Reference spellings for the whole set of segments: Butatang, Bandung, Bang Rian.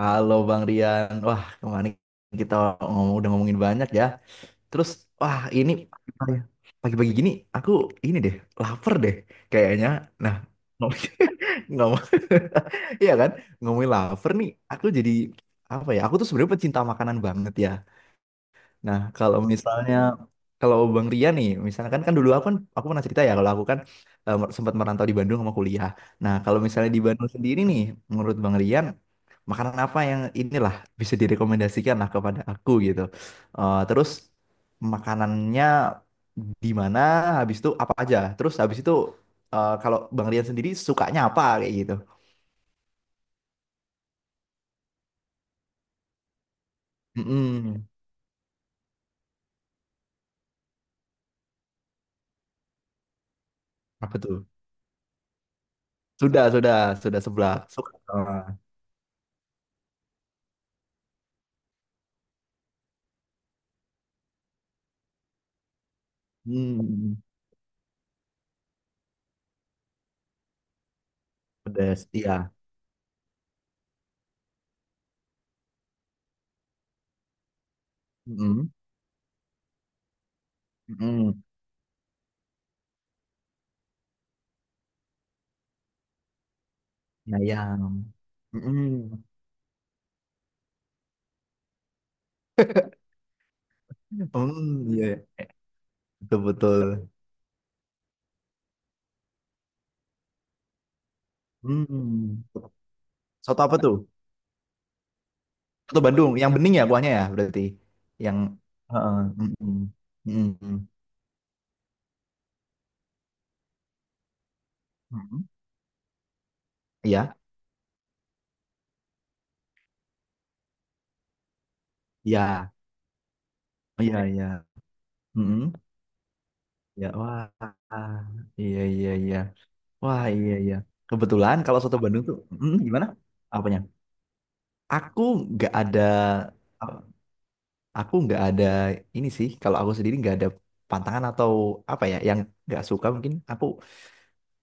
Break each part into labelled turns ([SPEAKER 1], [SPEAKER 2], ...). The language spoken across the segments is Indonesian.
[SPEAKER 1] Halo Bang Rian, wah kemarin kita udah ngomongin banyak ya. Terus wah ini pagi-pagi gini aku ini deh lapar deh kayaknya. Nah, ngomong, iya kan ngomongin lapar nih. Aku jadi apa ya? Aku tuh sebenarnya pecinta makanan banget ya. Nah, kalau misalnya kalau Bang Rian nih, misalkan kan kan dulu aku pernah cerita ya kalau aku kan sempat merantau di Bandung sama kuliah. Nah, kalau misalnya di Bandung sendiri nih, menurut Bang Rian, makanan apa yang inilah bisa direkomendasikan lah kepada aku gitu. Terus makanannya di mana, habis itu apa aja. Terus habis itu kalau Bang Rian sendiri sukanya apa kayak gitu. Mm-mm. Apa tuh? Sudah, sudah, sudah sebelah. Suka. Hmm, pedas. Iya. Mhm, mhm. Ayam. Mhm. Hmm, iya, iya. Betul, betul. Hmm. Soto apa tuh? Soto Bandung, yang bening ya kuahnya ya berarti. Yang heeh, mhm. Mhm. Mhm. Iya, iya. Oh, iya, iya. Mhm. Ya, wah. Iya, iya, iya. Wah, iya, iya. Kebetulan kalau soto Bandung tuh, mhm, gimana? Apanya? Aku nggak ada aku nggak ada ini sih kalau aku sendiri nggak ada pantangan atau apa ya yang nggak suka. Mungkin aku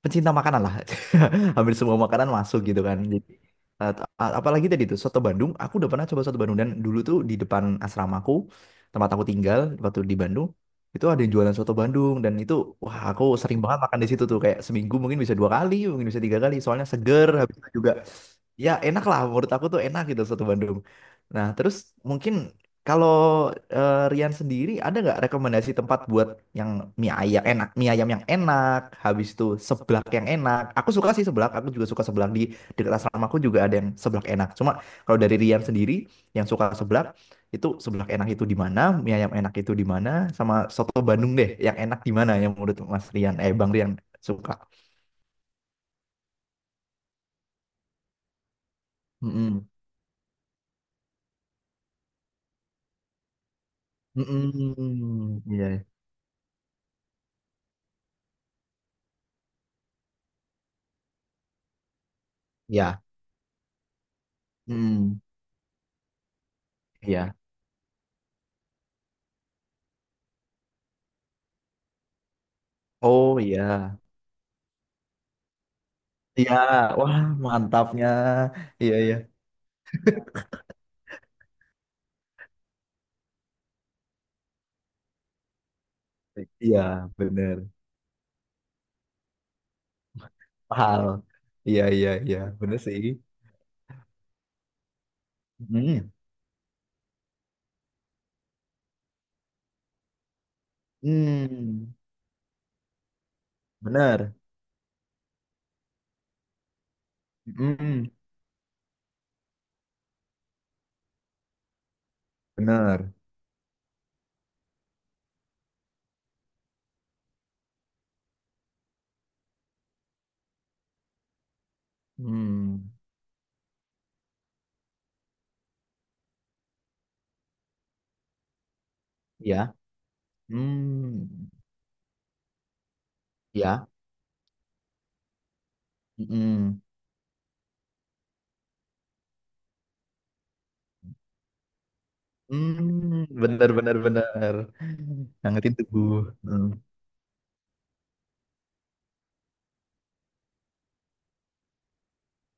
[SPEAKER 1] pencinta makanan lah, hampir semua makanan masuk gitu kan. Jadi, eh, apalagi tadi tuh soto Bandung, aku udah pernah coba soto Bandung. Dan dulu tuh di depan asramaku, tempat aku tinggal waktu di Bandung, itu ada yang jualan soto Bandung. Dan itu wah, aku sering banget makan di situ tuh. Kayak seminggu mungkin bisa dua kali, mungkin bisa tiga kali, soalnya seger. Habis itu juga ya enak lah, menurut aku tuh enak gitu soto Bandung. Nah, terus mungkin kalau Rian sendiri, ada nggak rekomendasi tempat buat yang mie ayam enak, mie ayam yang enak, habis itu seblak yang enak. Aku suka sih seblak, aku juga suka seblak di dekat asrama aku juga ada yang seblak enak. Cuma kalau dari Rian sendiri yang suka seblak, itu seblak enak itu di mana, mie ayam enak itu di mana, sama soto Bandung deh yang enak di mana, yang menurut Mas Rian, eh Bang Rian suka. Mm-mm. Mm-mm. Iya. Ya. Mm. Iya. Oh iya. Iya, wah mantapnya. Iya, iya. Iya, bener. Mahal. Iya, iya, iya. Bener sih. Hmm. Hmm. Bener. Hmm. Bener. Hmm. Ya. Hmm. Ya. Hmm. Hmm. Bener, bener, bener. Ngangetin tubuh. Hmm.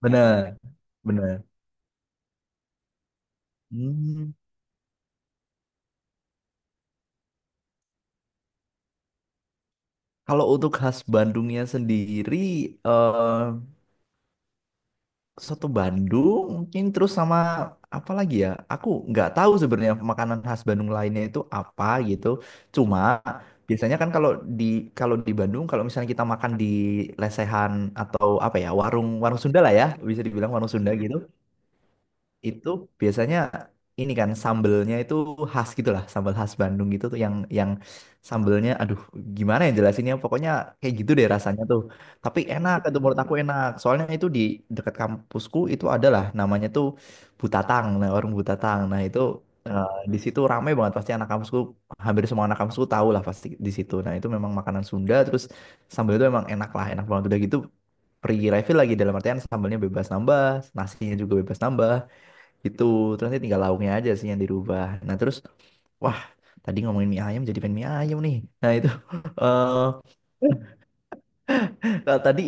[SPEAKER 1] Bener, bener. Hmm. Kalau untuk khas Bandungnya sendiri, eh, soto Bandung mungkin, terus sama apa lagi ya? Aku nggak tahu sebenarnya makanan khas Bandung lainnya itu apa gitu. Cuma biasanya kan kalau di Bandung, kalau misalnya kita makan di lesehan atau apa ya, warung warung Sunda lah ya, bisa dibilang warung Sunda gitu, itu biasanya ini kan sambelnya itu khas gitu lah, sambel khas Bandung gitu tuh yang sambelnya. Aduh, gimana ya jelasinnya, pokoknya kayak gitu deh rasanya tuh. Tapi enak itu, menurut aku enak. Soalnya itu di dekat kampusku itu adalah, namanya tuh Butatang, nah warung Butatang. Nah, itu di situ rame banget pasti anak kampusku, hampir semua anak kampusku tahu lah pasti di situ. Nah, itu memang makanan Sunda, terus sambel itu emang enak lah, enak banget udah gitu. Free refill lagi, dalam artian sambalnya bebas nambah, nasinya juga bebas nambah. Itu terus nanti tinggal lauknya aja sih yang dirubah. Nah, terus wah, tadi ngomongin mie ayam jadi pengen mie ayam nih. Nah, itu eh nah, tadi,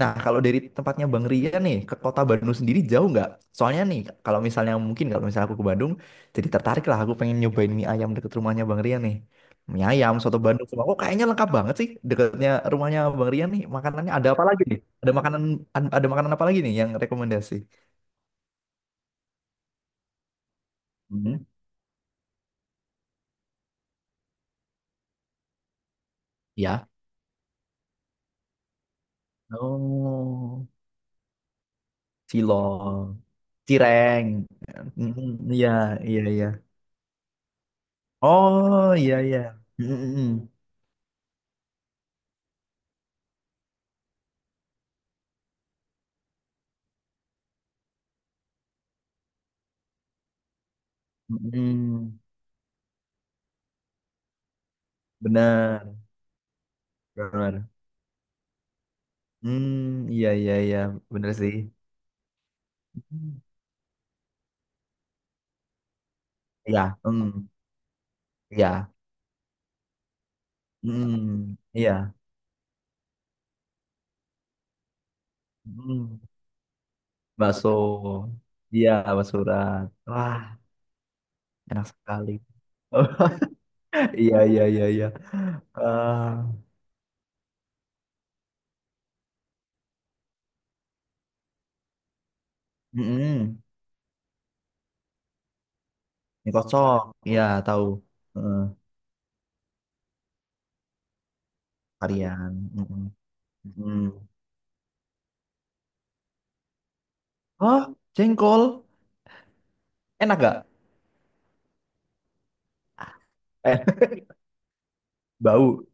[SPEAKER 1] nah kalau dari tempatnya Bang Rian nih ke kota Bandung sendiri jauh nggak? Soalnya nih kalau misalnya, mungkin kalau misalnya aku ke Bandung, jadi tertarik lah aku pengen nyobain mie ayam deket rumahnya Bang Rian nih. Mie ayam, soto Bandung semua. Kok kayaknya lengkap banget sih deketnya rumahnya Bang Rian nih. Makanannya ada apa lagi nih? Ada makanan apa lagi nih yang rekomendasi? Hmm. Ya. Oh. Cilok, cireng. Mm, iya, iya, iya. Oh, iya, iya. Mm, mm, mm. Mm, benar, benar. Hmm, iya, iya, iya. Benar sih. Iya, hmm, iya. Hmm, iya. Hmm. Bakso. Iya, bakso urat. Wah, enak sekali. Iya, iya, iya, iya. Eh, mm-mm. Mie kocok, iya tahu. Heeh, varian. Mm-mm. Mm-mm. Oh, jengkol. Enak gak? Eh, bau.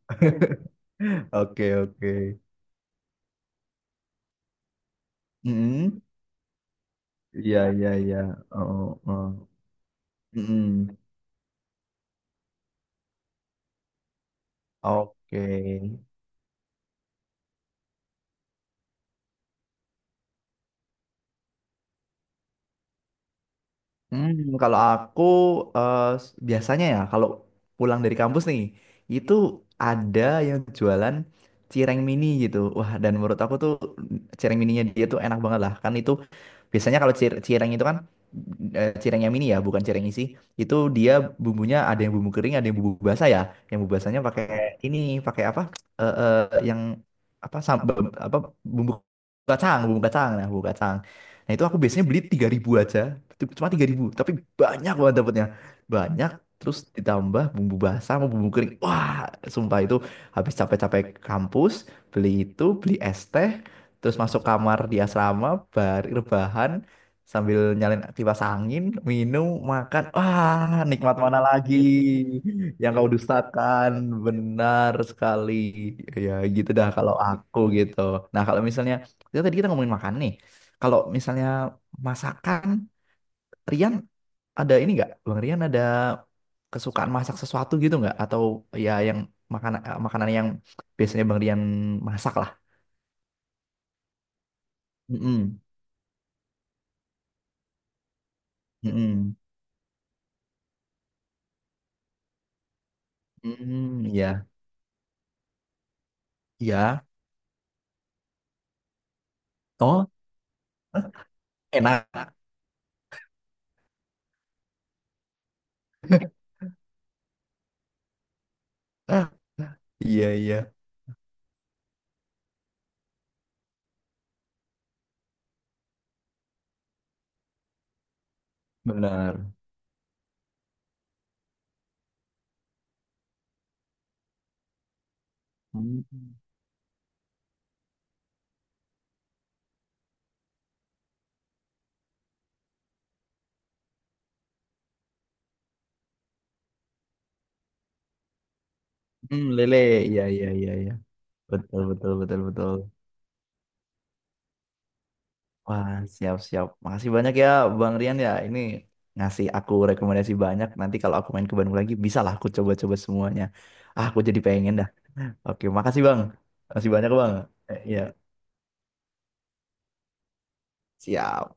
[SPEAKER 1] Oke, oke. Mm-mm. Iya, iya, iya. Oh, oh. Mm-mm. Oke. Hmm, kalau aku biasanya ya kalau pulang dari kampus nih, itu ada yang jualan cireng mini gitu. Wah, dan menurut aku tuh cireng mininya dia tuh enak banget lah. Kan itu biasanya kalau cireng itu kan, cireng yang mini ya, bukan cireng isi. Itu dia bumbunya ada yang bumbu kering, ada yang bumbu basah ya. Yang bumbu basahnya pakai ini, pakai apa? Eh, eh, yang apa, sambal apa, bumbu bumbu kacang. Nah, bumbu kacang. Nah, itu aku biasanya beli 3.000 aja. Cuma 3.000 tapi banyak banget dapetnya. Banyak, terus ditambah bumbu basah sama bumbu kering. Wah, sumpah itu habis capek-capek kampus, beli itu, beli es teh, terus masuk kamar di asrama, bar rebahan, sambil nyalain kipas angin, minum, makan, wah nikmat mana lagi yang kau dustakan. Benar sekali. Ya gitu dah kalau aku gitu. Nah kalau misalnya kita ngomongin makan nih, kalau misalnya masakan Rian, ada ini nggak, Bang Rian ada kesukaan masak sesuatu gitu nggak, atau ya yang makanan, makanan yang biasanya Bang Rian masak lah. Mm-mm. Mm-mm. Hmm, iya, iya. Oh, enak. Iya, iya, benar. Hmm, hmm, lele, iya, iya, iya, iya. Betul, betul, betul, betul. Wah, siap, siap. Makasih banyak ya, Bang Rian ya. Ini ngasih aku rekomendasi banyak. Nanti kalau aku main ke Bandung lagi, bisa lah aku coba-coba semuanya. Ah, aku jadi pengen dah. Oke, makasih Bang. Makasih banyak Bang. Eh, iya, siap.